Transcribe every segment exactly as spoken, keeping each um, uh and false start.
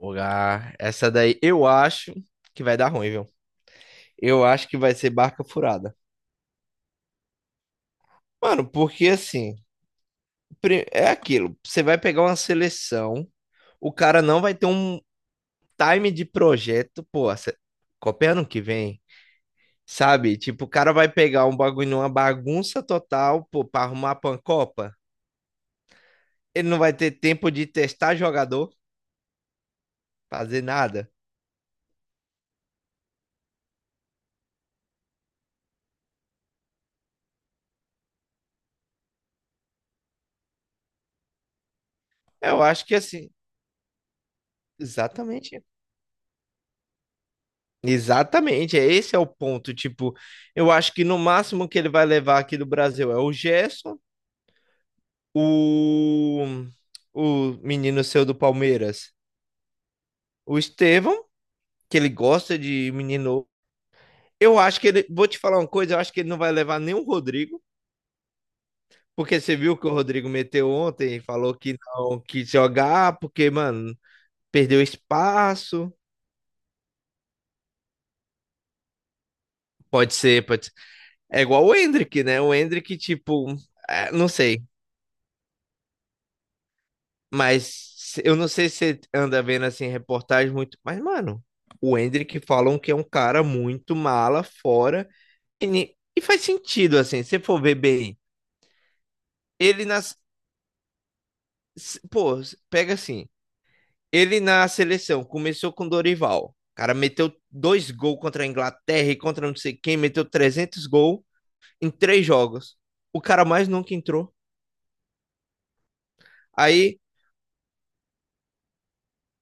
Lugar. Essa daí eu acho que vai dar ruim, viu? Eu acho que vai ser barca furada. Mano, porque assim, pri- é aquilo. Você vai pegar uma seleção, o cara não vai ter um time de projeto, pô, se- Copa é ano que vem, sabe? Tipo, o cara vai pegar um bagulho, uma bagunça total, pô, pra arrumar pra uma Copa. Ele não vai ter tempo de testar jogador, fazer nada. Eu acho que assim, exatamente Exatamente, é esse é o ponto. Tipo, eu acho que no máximo que ele vai levar aqui do Brasil é o Gerson, o, o menino seu do Palmeiras, o Estevão, que ele gosta de menino. Eu acho que ele, vou te falar uma coisa, eu acho que ele não vai levar nem o Rodrigo, porque você viu que o Rodrigo meteu ontem e falou que não quis jogar, porque, mano, perdeu espaço. Pode ser, pode ser. É igual o Endrick, né? O Endrick, tipo, é, não sei. Mas se- eu não sei se você anda vendo assim reportagem muito, mas mano, o Endrick falam que é um cara muito mala fora e, ni- e faz sentido assim, se você for ver bem. Ele nas se- Pô, pega assim, ele na seleção começou com Dorival. O cara meteu dois gols contra a Inglaterra e contra não sei quem, meteu trezentos gols em três jogos. O cara mais nunca entrou. Aí,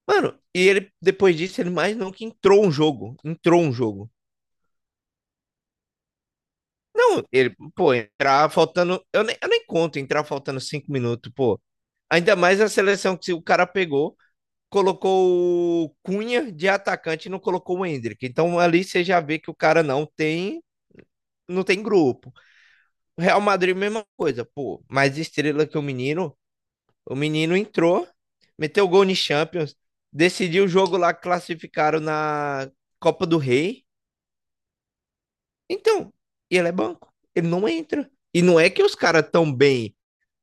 mano, e ele depois disso ele mais nunca entrou um jogo, entrou um jogo. Não, ele, pô, entrar faltando. Eu nem, eu nem conto entrar faltando cinco minutos, pô. Ainda mais a seleção que o cara pegou, colocou o Cunha de atacante e não colocou o Endrick. Então ali você já vê que o cara não tem, não tem grupo. Real Madrid, mesma coisa, pô. Mais estrela que o menino. O menino entrou, meteu gol no Champions, decidiu o jogo lá que classificaram na Copa do Rei. Então, e ele é banco. Ele não entra. E não é que os caras tão bem.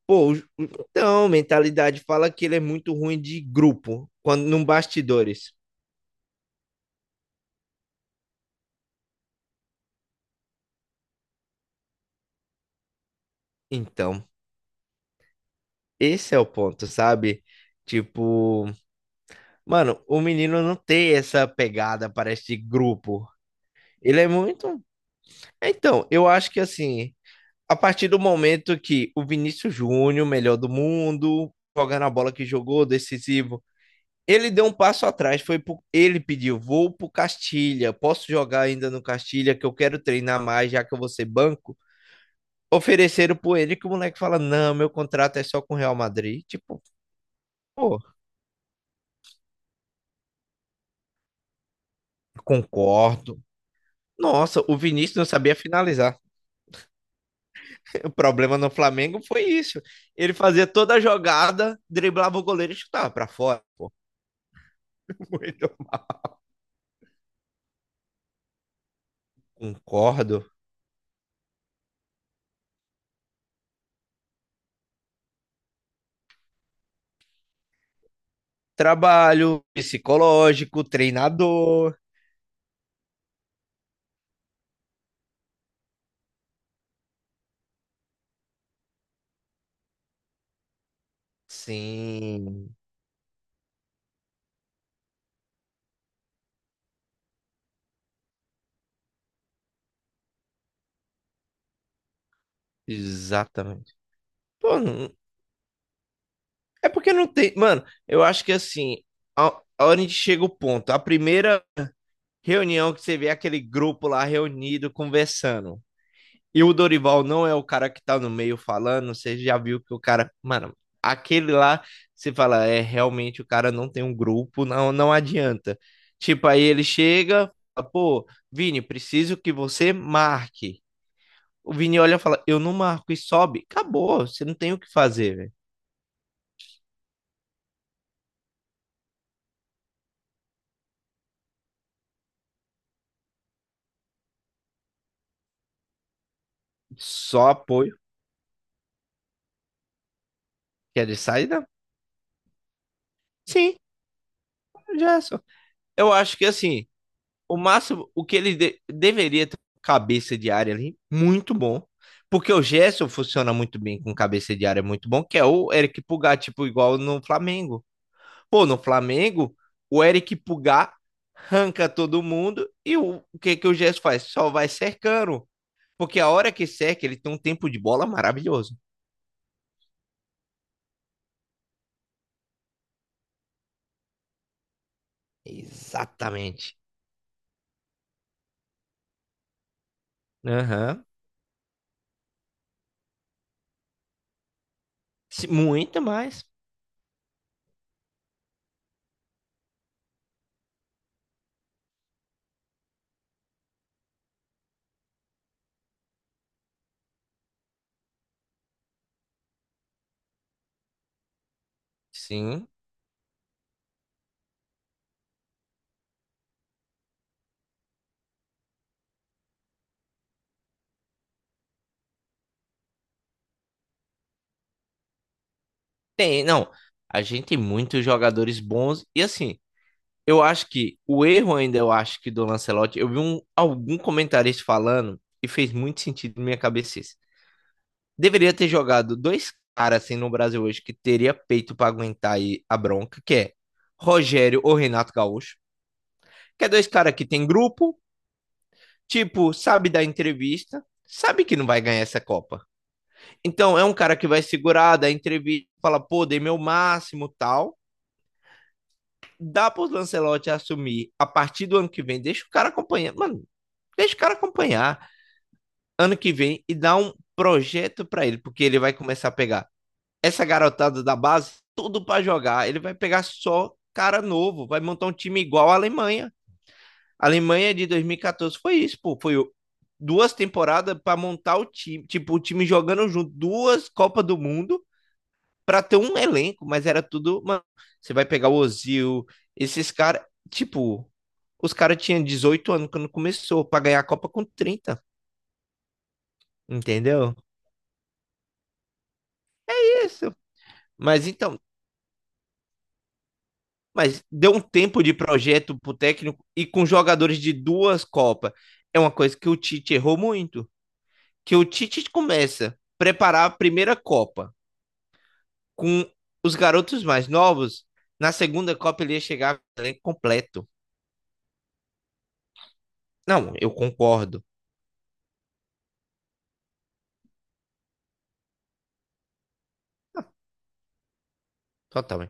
Pô, os- então, mentalidade fala que ele é muito ruim de grupo, quando num bastidores. Então, esse é o ponto, sabe? Tipo, mano, o menino não tem essa pegada para este grupo. Ele é muito. Então, eu acho que assim, a partir do momento que o Vinícius Júnior, melhor do mundo, jogando a bola que jogou, decisivo, ele deu um passo atrás, foi pro... ele pediu, vou pro Castilha, posso jogar ainda no Castilha que eu quero treinar mais, já que eu vou ser banco. Ofereceram por ele que o moleque fala: Não, meu contrato é só com o Real Madrid. Tipo, pô, concordo. Nossa, o Vinícius não sabia finalizar. O problema no Flamengo foi isso. Ele fazia toda a jogada, driblava o goleiro e chutava pra fora. Pô. Muito. Concordo. Trabalho psicológico, treinador. Sim, exatamente. Pô, não- É porque não tem. Mano, eu acho que assim, a, a hora onde chega o ponto. A primeira reunião que você vê aquele grupo lá reunido conversando. E o Dorival não é o cara que tá no meio falando, você já viu que o cara, mano, aquele lá, você fala, é realmente o cara não tem um grupo, não, não adianta. Tipo, aí ele chega, fala, pô, Vini, preciso que você marque. O Vini olha e fala, eu não marco e sobe. Acabou, você não tem o que fazer, velho. Só apoio. Quer de saída? Sim, Gerson. Eu acho que assim, o máximo, o que ele de- deveria ter cabeça de área ali, muito bom. Porque o Gerson funciona muito bem com cabeça de área, muito bom, que é o Eric Pulgar, tipo, igual no Flamengo. Pô, no Flamengo, o Eric Pulgar arranca todo mundo e o, o que que o Gerson faz? Só vai cercando. Porque a hora que cerca, ele tem um tempo de bola maravilhoso. Exatamente. Aham. Se- Muito mais. Sim. Tem, não. A gente tem muitos jogadores bons. E assim, eu acho que o erro ainda, eu acho que do Lancelotti, eu vi um, algum comentarista falando e fez muito sentido na minha cabeça. Isso. Deveria ter jogado dois caras assim no Brasil hoje que teria peito pra aguentar aí a bronca, que é Rogério ou Renato Gaúcho, que é dois caras que tem grupo, tipo, sabe da entrevista, sabe que não vai ganhar essa Copa. Então é um cara que vai segurar, dar entrevista, fala, pô, dei meu máximo, tal. Dá para o Lancelotti assumir a partir do ano que vem, deixa o cara acompanhar, mano, deixa o cara acompanhar ano que vem e dá um projeto para ele, porque ele vai começar a pegar essa garotada da base, tudo para jogar, ele vai pegar só cara novo, vai montar um time igual a Alemanha. A Alemanha de dois mil e quatorze foi isso, pô, foi duas temporadas para montar o time, tipo, o time jogando junto, duas Copa do Mundo para ter um elenco, mas era tudo, mano, você vai pegar o Ozil, esses caras, tipo, os caras tinham dezoito anos quando começou, para ganhar a Copa com trinta, entendeu? Isso. Mas então, mas deu um tempo de projeto pro técnico e com jogadores de duas Copas. É uma coisa que o Tite errou muito, que o Tite começa a preparar a primeira Copa com os garotos mais novos, na segunda Copa ele ia chegar com o elenco completo. Não, eu concordo. Total.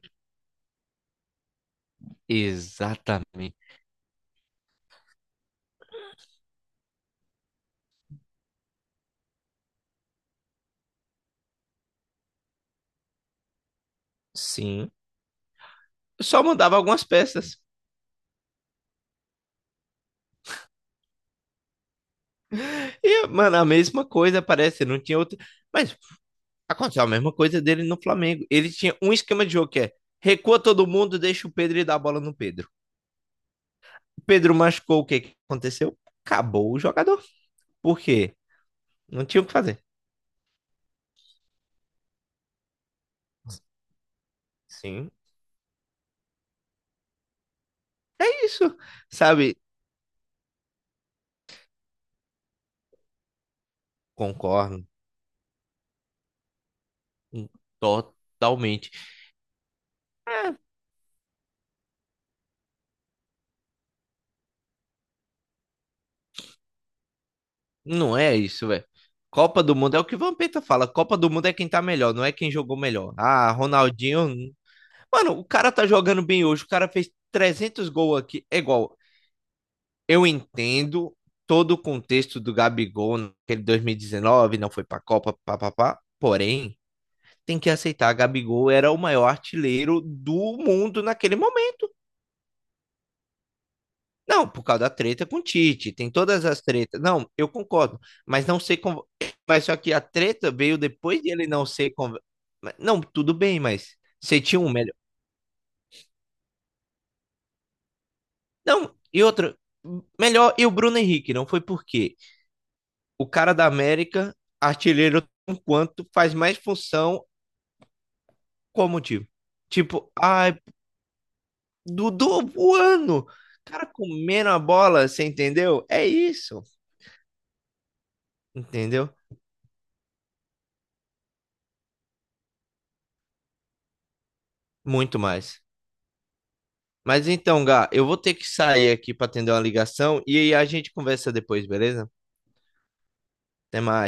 Exatamente. Sim. Só mudava algumas peças. E, mano, a mesma coisa parece, não tinha outra. Mas aconteceu a mesma coisa dele no Flamengo. Ele tinha um esquema de jogo que é recua todo mundo, deixa o Pedro e dá a bola no Pedro. O Pedro machucou, o que que aconteceu? Acabou o jogador. Por quê? Não tinha o que fazer. Sim. É isso. Sabe? Concordo, hum, totalmente. É, não é isso, velho. Copa do Mundo é o que o Vampeta fala. Copa do Mundo é quem tá melhor, não é quem jogou melhor. Ah, Ronaldinho. Mano, o cara tá jogando bem hoje. O cara fez trezentos gols aqui. É igual. Eu entendo todo o contexto do Gabigol naquele dois mil e dezenove, não foi pra Copa, papapá. Porém, tem que aceitar. Gabigol era o maior artilheiro do mundo naquele momento. Não, por causa da treta com o Tite, tem todas as tretas. Não, eu concordo, mas não sei como. Mas só que a treta veio depois de ele não ser. Con... Não, tudo bem, mas você tinha um melhor. Não, e outra, melhor. E o Bruno Henrique, não foi porque o cara da América, artilheiro, enquanto faz mais função, qual motivo? Tipo, ai, Dudu voando, cara comendo a bola, você entendeu? É isso, entendeu? Muito mais. Mas então, Gá, eu vou ter que sair aqui para atender uma ligação e aí a gente conversa depois, beleza? Até mais.